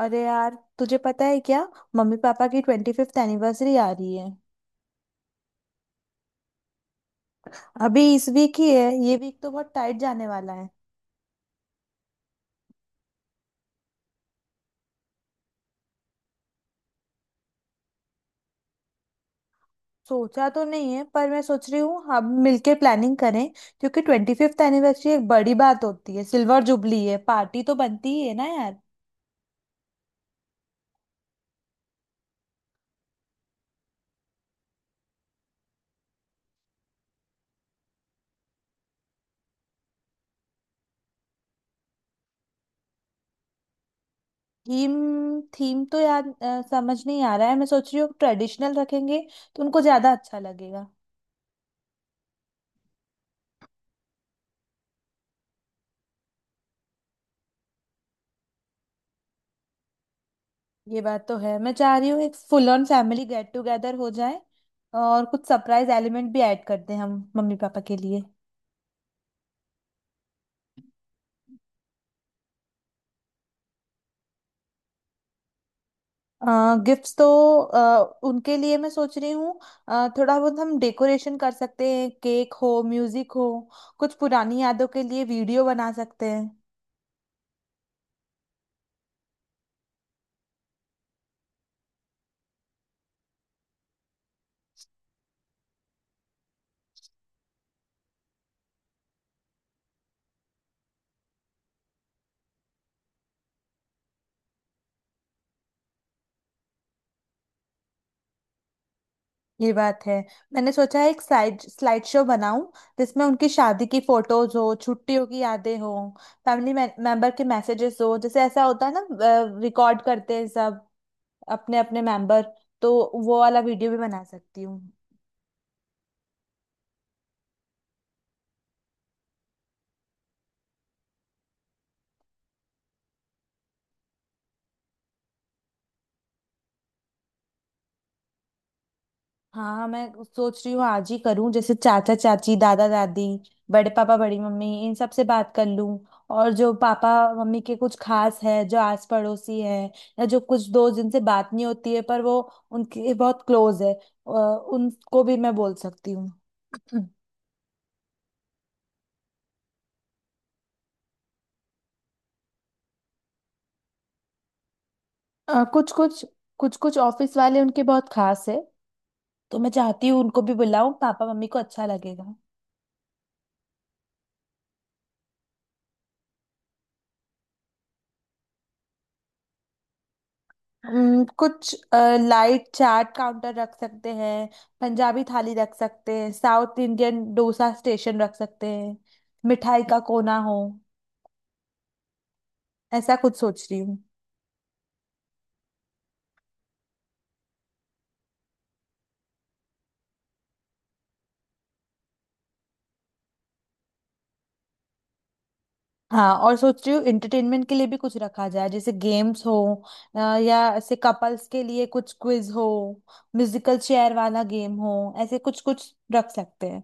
अरे यार, तुझे पता है क्या? मम्मी पापा की 25th एनिवर्सरी आ रही है। अभी इस वीक ही है। ये वीक तो बहुत टाइट जाने वाला है। सोचा तो नहीं है, पर मैं सोच रही हूँ हम मिलके प्लानिंग करें। क्योंकि ट्वेंटी फिफ्थ एनिवर्सरी एक बड़ी बात होती है, सिल्वर जुबली है, पार्टी तो बनती ही है ना यार। थीम थीम तो यार समझ नहीं आ रहा है। मैं सोच रही हूँ ट्रेडिशनल रखेंगे तो उनको ज्यादा अच्छा लगेगा। ये बात तो है, मैं चाह रही हूँ एक full on family get together हो जाए और कुछ सरप्राइज एलिमेंट भी ऐड कर दें हम मम्मी पापा के लिए। गिफ्ट्स तो उनके लिए मैं सोच रही हूँ। थोड़ा बहुत हम डेकोरेशन कर सकते हैं, केक हो, म्यूजिक हो, कुछ पुरानी यादों के लिए वीडियो बना सकते हैं। ये बात है, मैंने सोचा है एक स्लाइड स्लाइड शो बनाऊं जिसमें उनकी शादी की फोटोज हो, छुट्टियों की यादें हो, फैमिली मेंबर के मैसेजेस हो। जैसे ऐसा होता है ना, रिकॉर्ड करते हैं सब, अपने अपने मेंबर। तो वो वाला वीडियो भी बना सकती हूँ। हाँ हाँ, मैं सोच रही हूँ आज ही करूँ। जैसे चाचा चाची, दादा दादी, बड़े पापा, बड़ी मम्मी, इन सब से बात कर लूँ। और जो पापा मम्मी के कुछ खास है, जो आस पड़ोसी है, या जो कुछ दोस्त जिनसे बात नहीं होती है पर वो उनके बहुत क्लोज है, उनको भी मैं बोल सकती हूँ। अ, कुछ कुछ कुछ कुछ ऑफिस वाले उनके बहुत खास है, तो मैं चाहती हूँ उनको भी बुलाऊं, पापा मम्मी को अच्छा लगेगा। कुछ लाइट चाट काउंटर रख सकते हैं, पंजाबी थाली रख सकते हैं, साउथ इंडियन डोसा स्टेशन रख सकते हैं, मिठाई का कोना हो, ऐसा कुछ सोच रही हूँ। हाँ, और सोच रही हूँ एंटरटेनमेंट के लिए भी कुछ रखा जाए, जैसे गेम्स हो, या ऐसे कपल्स के लिए कुछ क्विज हो, म्यूजिकल चेयर वाला गेम हो, ऐसे कुछ कुछ रख सकते हैं।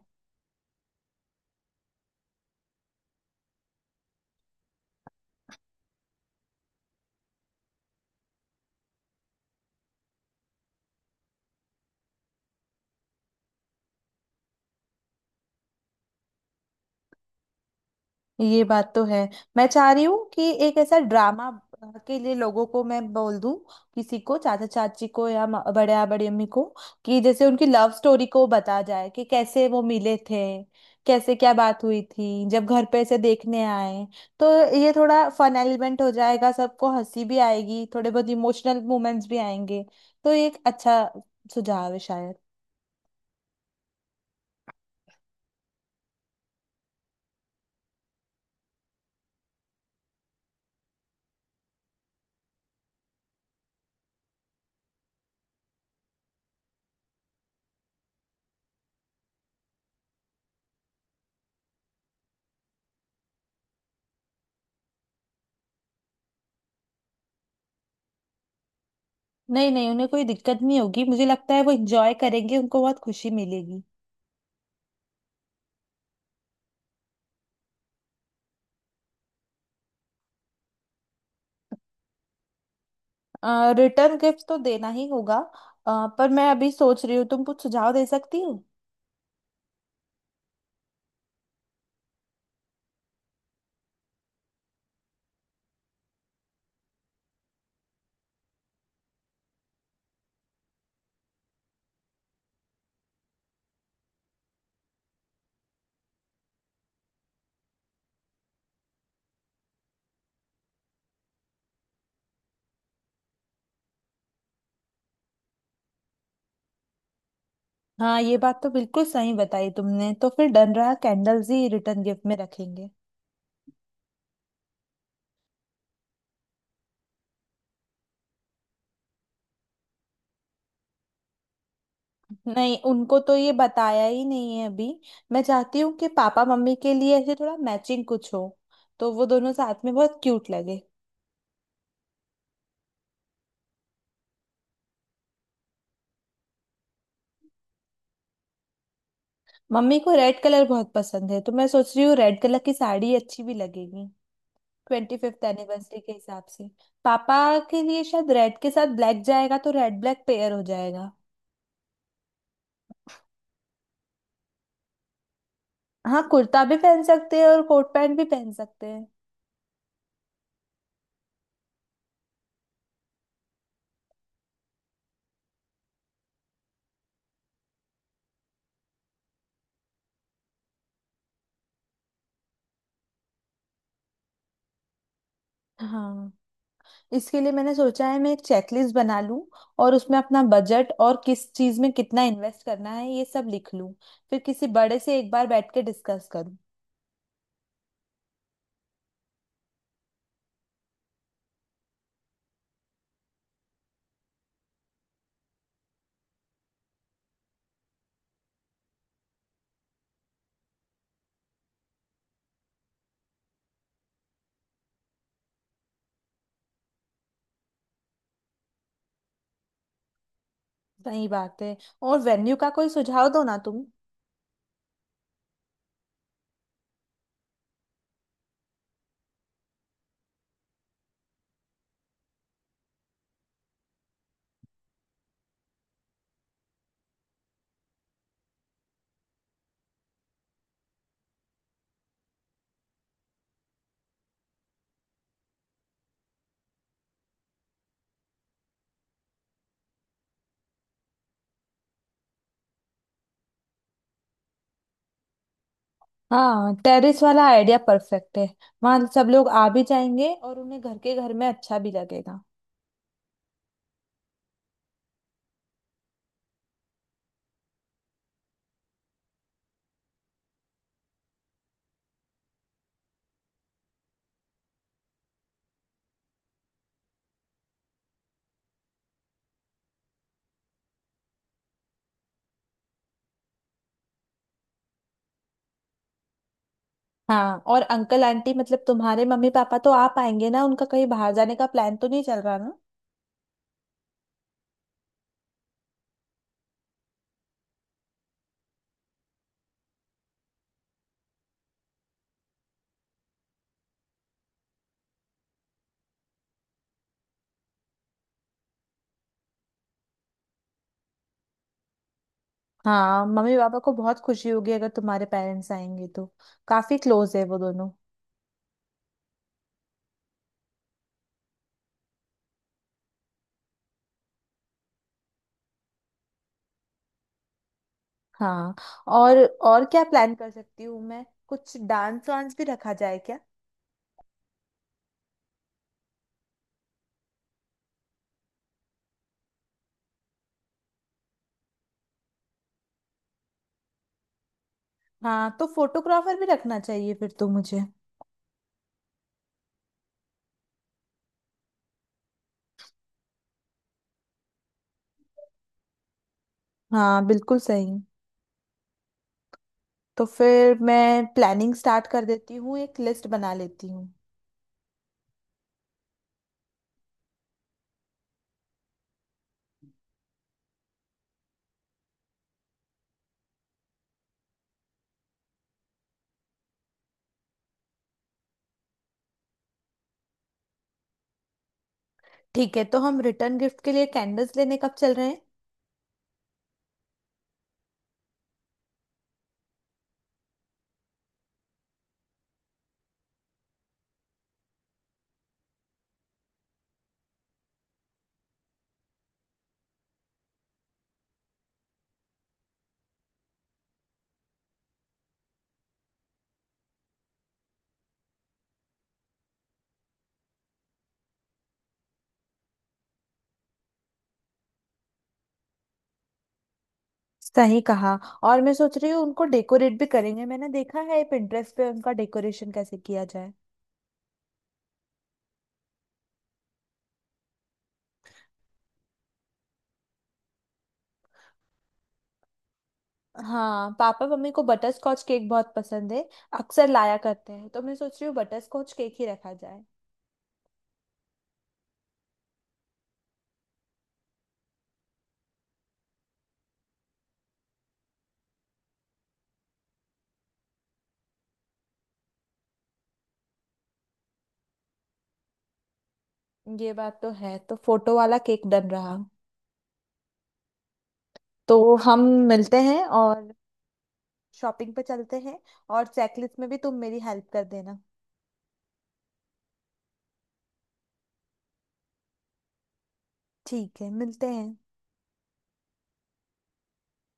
ये बात तो है। मैं चाह रही हूँ कि एक ऐसा ड्रामा के लिए लोगों को मैं बोल दूं, किसी को चाचा चाची को या बड़े या बड़ी अम्मी को, कि जैसे उनकी लव स्टोरी को बता जाए कि कैसे वो मिले थे, कैसे क्या बात हुई थी, जब घर पे ऐसे देखने आए। तो ये थोड़ा फन एलिमेंट हो जाएगा, सबको हंसी भी आएगी, थोड़े बहुत इमोशनल मोमेंट्स भी आएंगे। तो ये एक अच्छा सुझाव है शायद। नहीं नहीं, उन्हें कोई दिक्कत नहीं होगी, मुझे लगता है वो इंजॉय करेंगे, उनको बहुत खुशी मिलेगी। रिटर्न गिफ्ट तो देना ही होगा। अ, पर मैं अभी सोच रही हूँ, तुम कुछ सुझाव दे सकती हो। हाँ, ये बात तो बिल्कुल सही बताई तुमने, तो फिर डन रहा, कैंडल्स ही रिटर्न गिफ्ट में रखेंगे। नहीं, उनको तो ये बताया ही नहीं है अभी। मैं चाहती हूँ कि पापा मम्मी के लिए ऐसे थोड़ा मैचिंग कुछ हो, तो वो दोनों साथ में बहुत क्यूट लगे। मम्मी को रेड कलर बहुत पसंद है, तो मैं सोच रही हूँ रेड कलर की साड़ी अच्छी भी लगेगी 25th एनिवर्सरी के हिसाब से। पापा के लिए शायद रेड के साथ ब्लैक जाएगा, तो रेड ब्लैक पेयर हो जाएगा। हाँ, कुर्ता भी पहन सकते हैं और कोट पैंट भी पहन सकते हैं। हाँ, इसके लिए मैंने सोचा है मैं एक चेकलिस्ट बना लूं और उसमें अपना बजट और किस चीज में कितना इन्वेस्ट करना है ये सब लिख लूं, फिर किसी बड़े से एक बार बैठ के डिस्कस करूं। सही बात है। और वेन्यू का कोई सुझाव दो ना तुम। हाँ, टेरेस वाला आइडिया परफेक्ट है, वहां सब लोग आ भी जाएंगे और उन्हें घर के घर में अच्छा भी लगेगा। हाँ, और अंकल आंटी, मतलब तुम्हारे मम्मी पापा तो आ पाएंगे ना? उनका कहीं बाहर जाने का प्लान तो नहीं चल रहा ना? हाँ, मम्मी पापा को बहुत खुशी होगी अगर तुम्हारे पेरेंट्स आएंगे तो। काफी क्लोज है वो दोनों। हाँ, और और क्या प्लान कर सकती हूँ मैं? कुछ डांस वांस भी रखा जाए क्या? हाँ, तो फोटोग्राफर भी रखना चाहिए फिर तो मुझे। हाँ, बिल्कुल सही। तो फिर मैं प्लानिंग स्टार्ट कर देती हूँ, एक लिस्ट बना लेती हूँ। ठीक है, तो हम रिटर्न गिफ्ट के लिए कैंडल्स लेने कब चल रहे हैं? सही कहा। और मैं सोच रही हूँ उनको डेकोरेट भी करेंगे, मैंने देखा है पिंटरेस्ट पे उनका डेकोरेशन कैसे किया जाए। हाँ, पापा मम्मी को बटर स्कॉच केक बहुत पसंद है, अक्सर लाया करते हैं, तो मैं सोच रही हूँ बटर स्कॉच केक ही रखा जाए। ये बात तो है, तो फोटो वाला केक डन रहा। तो हम मिलते हैं और शॉपिंग पे चलते हैं, और चेकलिस्ट में भी तुम मेरी हेल्प कर देना। ठीक है, मिलते हैं।